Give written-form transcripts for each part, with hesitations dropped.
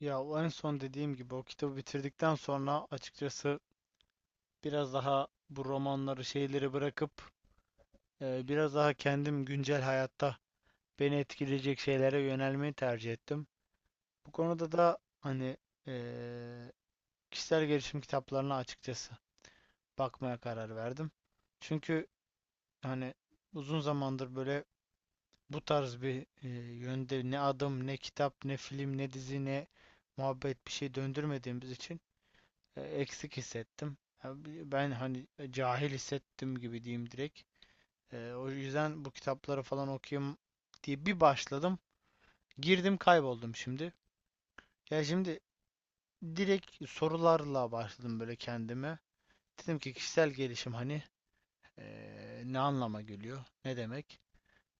Ya o en son dediğim gibi o kitabı bitirdikten sonra açıkçası biraz daha bu romanları şeyleri bırakıp biraz daha kendim güncel hayatta beni etkileyecek şeylere yönelmeyi tercih ettim. Bu konuda da hani e, kişisel gelişim kitaplarına açıkçası bakmaya karar verdim. Çünkü hani uzun zamandır böyle bu tarz bir yönde ne adım ne kitap ne film ne dizi ne muhabbet bir şey döndürmediğimiz için eksik hissettim. Ben hani cahil hissettim gibi diyeyim direkt. O yüzden bu kitapları falan okuyayım diye bir başladım. Girdim kayboldum şimdi. Ya şimdi direkt sorularla başladım böyle kendime. Dedim ki kişisel gelişim hani ne anlama geliyor? Ne demek?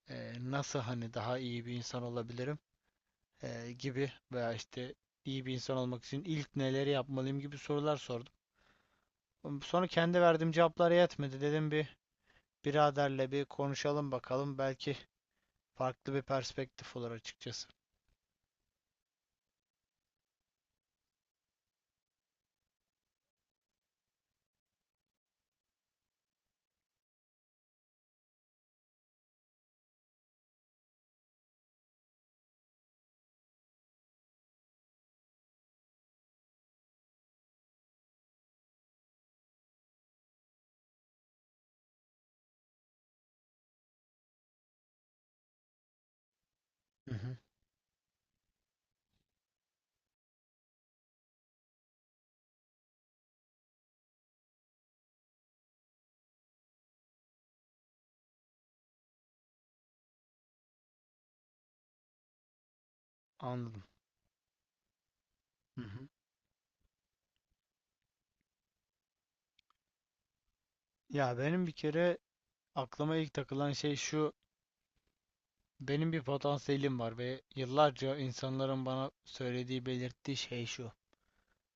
Nasıl hani daha iyi bir insan olabilirim? Gibi veya işte iyi bir insan olmak için ilk neleri yapmalıyım gibi sorular sordum. Sonra kendi verdiğim cevaplar yetmedi. Dedim bir biraderle bir konuşalım bakalım. Belki farklı bir perspektif olur açıkçası. Hı hı. Anladım. Hı hı. Ya benim bir kere aklıma ilk takılan şey şu. Benim bir potansiyelim var ve yıllarca insanların bana söylediği, belirttiği şey şu.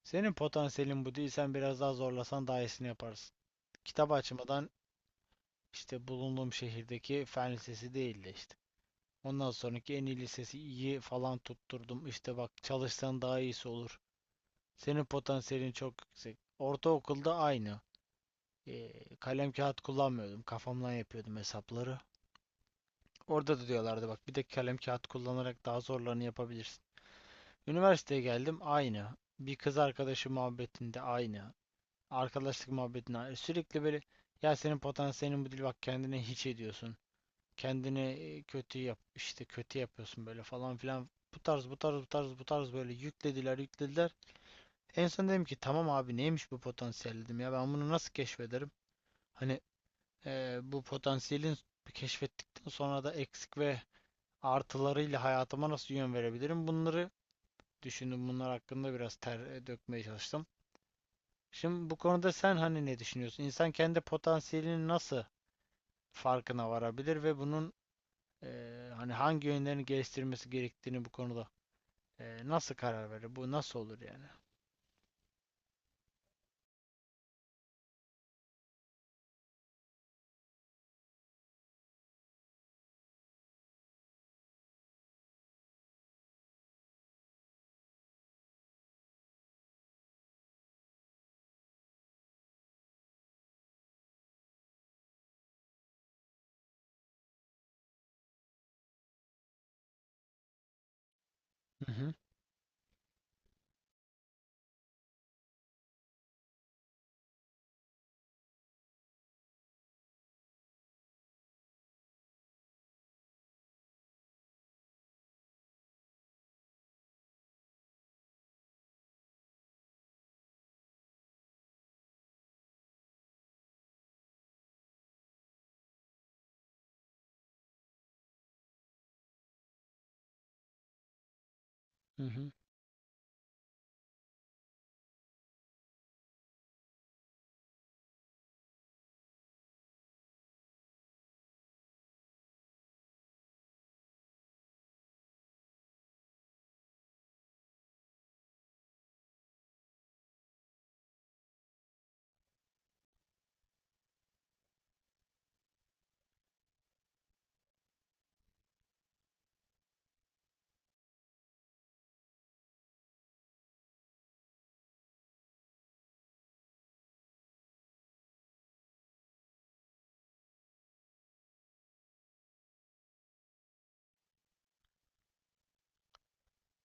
Senin potansiyelin bu değil, sen biraz daha zorlasan daha iyisini yaparsın. Kitap açmadan işte bulunduğum şehirdeki fen lisesi değildi işte. Ondan sonraki en iyi lisesi iyi falan tutturdum. İşte bak çalışsan daha iyisi olur. Senin potansiyelin çok yüksek. Ortaokulda aynı. Kalem kağıt kullanmıyordum. Kafamdan yapıyordum hesapları. Orada da diyorlardı bak bir de kalem kağıt kullanarak daha zorlarını yapabilirsin. Üniversiteye geldim aynı. Bir kız arkadaşı muhabbetinde aynı. Arkadaşlık muhabbetinde aynı. Sürekli böyle ya senin potansiyelin bu değil bak kendini hiç ediyorsun. Kendini kötü yap işte kötü yapıyorsun böyle falan filan. Bu tarz bu tarz bu tarz bu tarz böyle yüklediler yüklediler. En son dedim ki tamam abi neymiş bu potansiyel dedim ya ben bunu nasıl keşfederim? Hani bu potansiyelin keşfettikten sonra da eksik ve artılarıyla hayatıma nasıl yön verebilirim? Bunları düşündüm. Bunlar hakkında biraz ter dökmeye çalıştım. Şimdi bu konuda sen hani ne düşünüyorsun? İnsan kendi potansiyelinin nasıl farkına varabilir ve bunun hani hangi yönlerini geliştirmesi gerektiğini bu konuda nasıl karar verir? Bu nasıl olur yani? Hı hı, hı hı,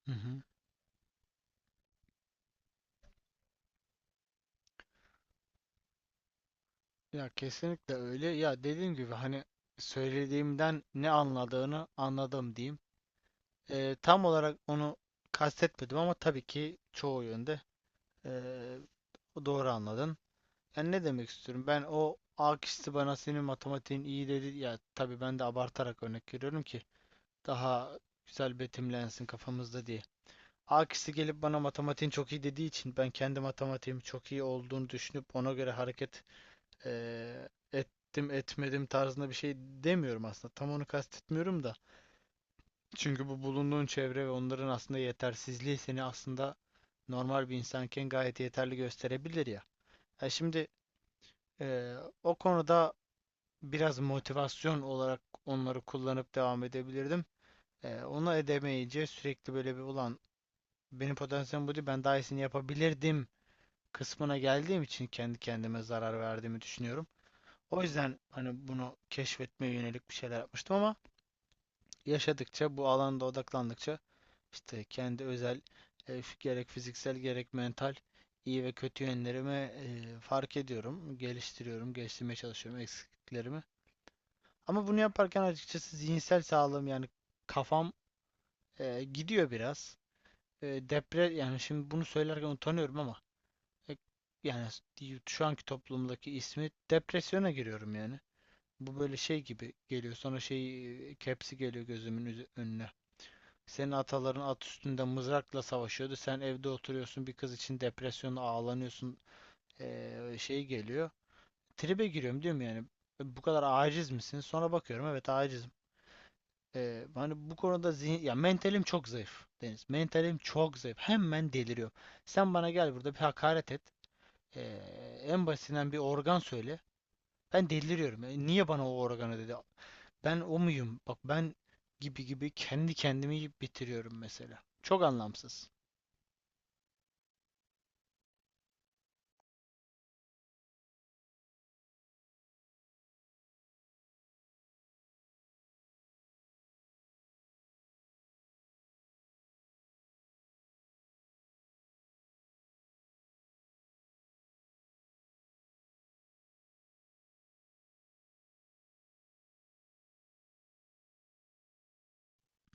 hı hı. Ya kesinlikle öyle. Ya dediğim gibi hani söylediğimden ne anladığını anladım diyeyim. Tam olarak onu kastetmedim ama tabii ki çoğu yönde eee, doğru anladın. Yani ne demek istiyorum? Ben o A kişisi bana senin matematiğin iyi dedi. Ya tabii ben de abartarak örnek veriyorum ki daha güzel betimlensin kafamızda diye. A kişisi gelip bana matematiğin çok iyi dediği için ben kendi matematiğim çok iyi olduğunu düşünüp ona göre hareket ettim etmedim tarzında bir şey demiyorum aslında. Tam onu kastetmiyorum da. Çünkü bu bulunduğun çevre ve onların aslında yetersizliği seni aslında normal bir insanken gayet yeterli gösterebilir ya. Ha şimdi eee, o konuda biraz motivasyon olarak onları kullanıp devam edebilirdim. Onu edemeyince sürekli böyle bir ulan benim potansiyelim bu değil ben daha iyisini yapabilirdim kısmına geldiğim için kendi kendime zarar verdiğimi düşünüyorum. O yüzden hani bunu keşfetmeye yönelik bir şeyler yapmıştım ama yaşadıkça bu alanda odaklandıkça işte kendi özel gerek fiziksel gerek mental iyi ve kötü yönlerimi fark ediyorum, geliştiriyorum, geliştirmeye çalışıyorum eksikliklerimi. Ama bunu yaparken açıkçası zihinsel sağlığım yani kafam gidiyor biraz. E, depre Yani şimdi bunu söylerken utanıyorum ama e, yani şu anki toplumdaki ismi depresyona giriyorum yani. Bu böyle şey gibi geliyor. Sonra şey kepsi geliyor gözümün önüne. Senin ataların at üstünde mızrakla savaşıyordu. Sen evde oturuyorsun. Bir kız için depresyonla ağlanıyorsun. Şey geliyor. Tribe giriyorum diyorum yani. Bu kadar aciz misin? Sonra bakıyorum evet acizim. Hani bu konuda ya mentalim çok zayıf Deniz. Mentalim çok zayıf. Hemen deliriyorum. Sen bana gel burada bir hakaret et. Ee, En basitinden bir organ söyle. Ben deliriyorum. Niye bana o organı dedi? Ben o muyum? Bak ben gibi gibi kendi kendimi yiyip bitiriyorum mesela. Çok anlamsız.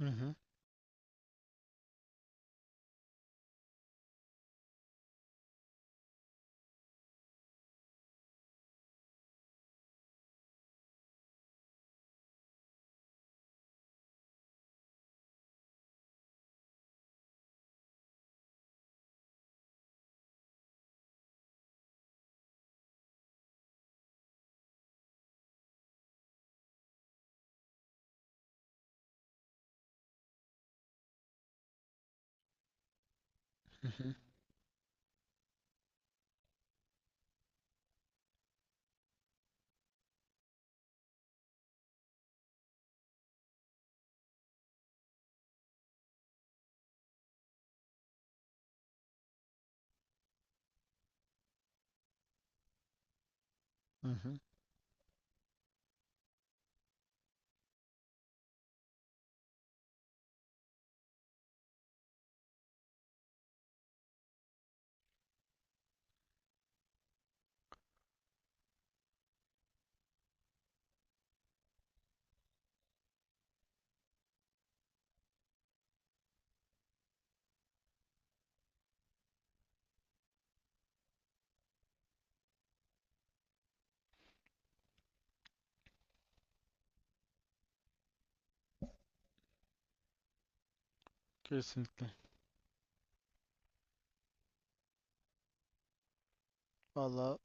Hı hı. Hı hı. Hı hı. Kesinlikle. Valla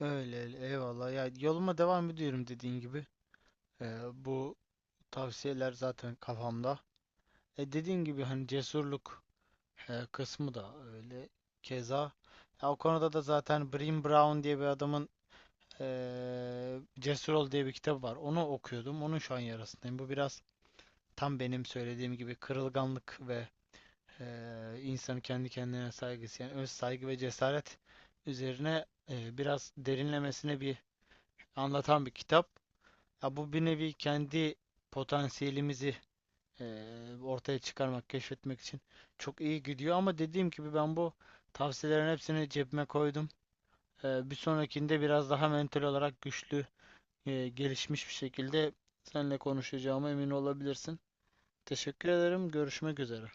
öyle öyle. Eyvallah. Ya yoluma devam ediyorum dediğin gibi. Bu tavsiyeler zaten kafamda. Dediğin gibi hani cesurluk kısmı da öyle. Keza. Ya o konuda da zaten Brené Brown diye bir adamın Cesur Ol diye bir kitabı var. Onu okuyordum. Onun şu an yarasındayım. Bu biraz tam benim söylediğim gibi kırılganlık ve insanın kendi kendine saygısı yani öz saygı ve cesaret üzerine biraz derinlemesine bir anlatan bir kitap. Ya bu bir nevi kendi potansiyelimizi ortaya çıkarmak, keşfetmek için çok iyi gidiyor ama dediğim gibi ben bu tavsiyelerin hepsini cebime koydum. Bir sonrakinde biraz daha mental olarak güçlü, gelişmiş bir şekilde seninle konuşacağıma emin olabilirsin. Teşekkür ederim. Görüşmek üzere.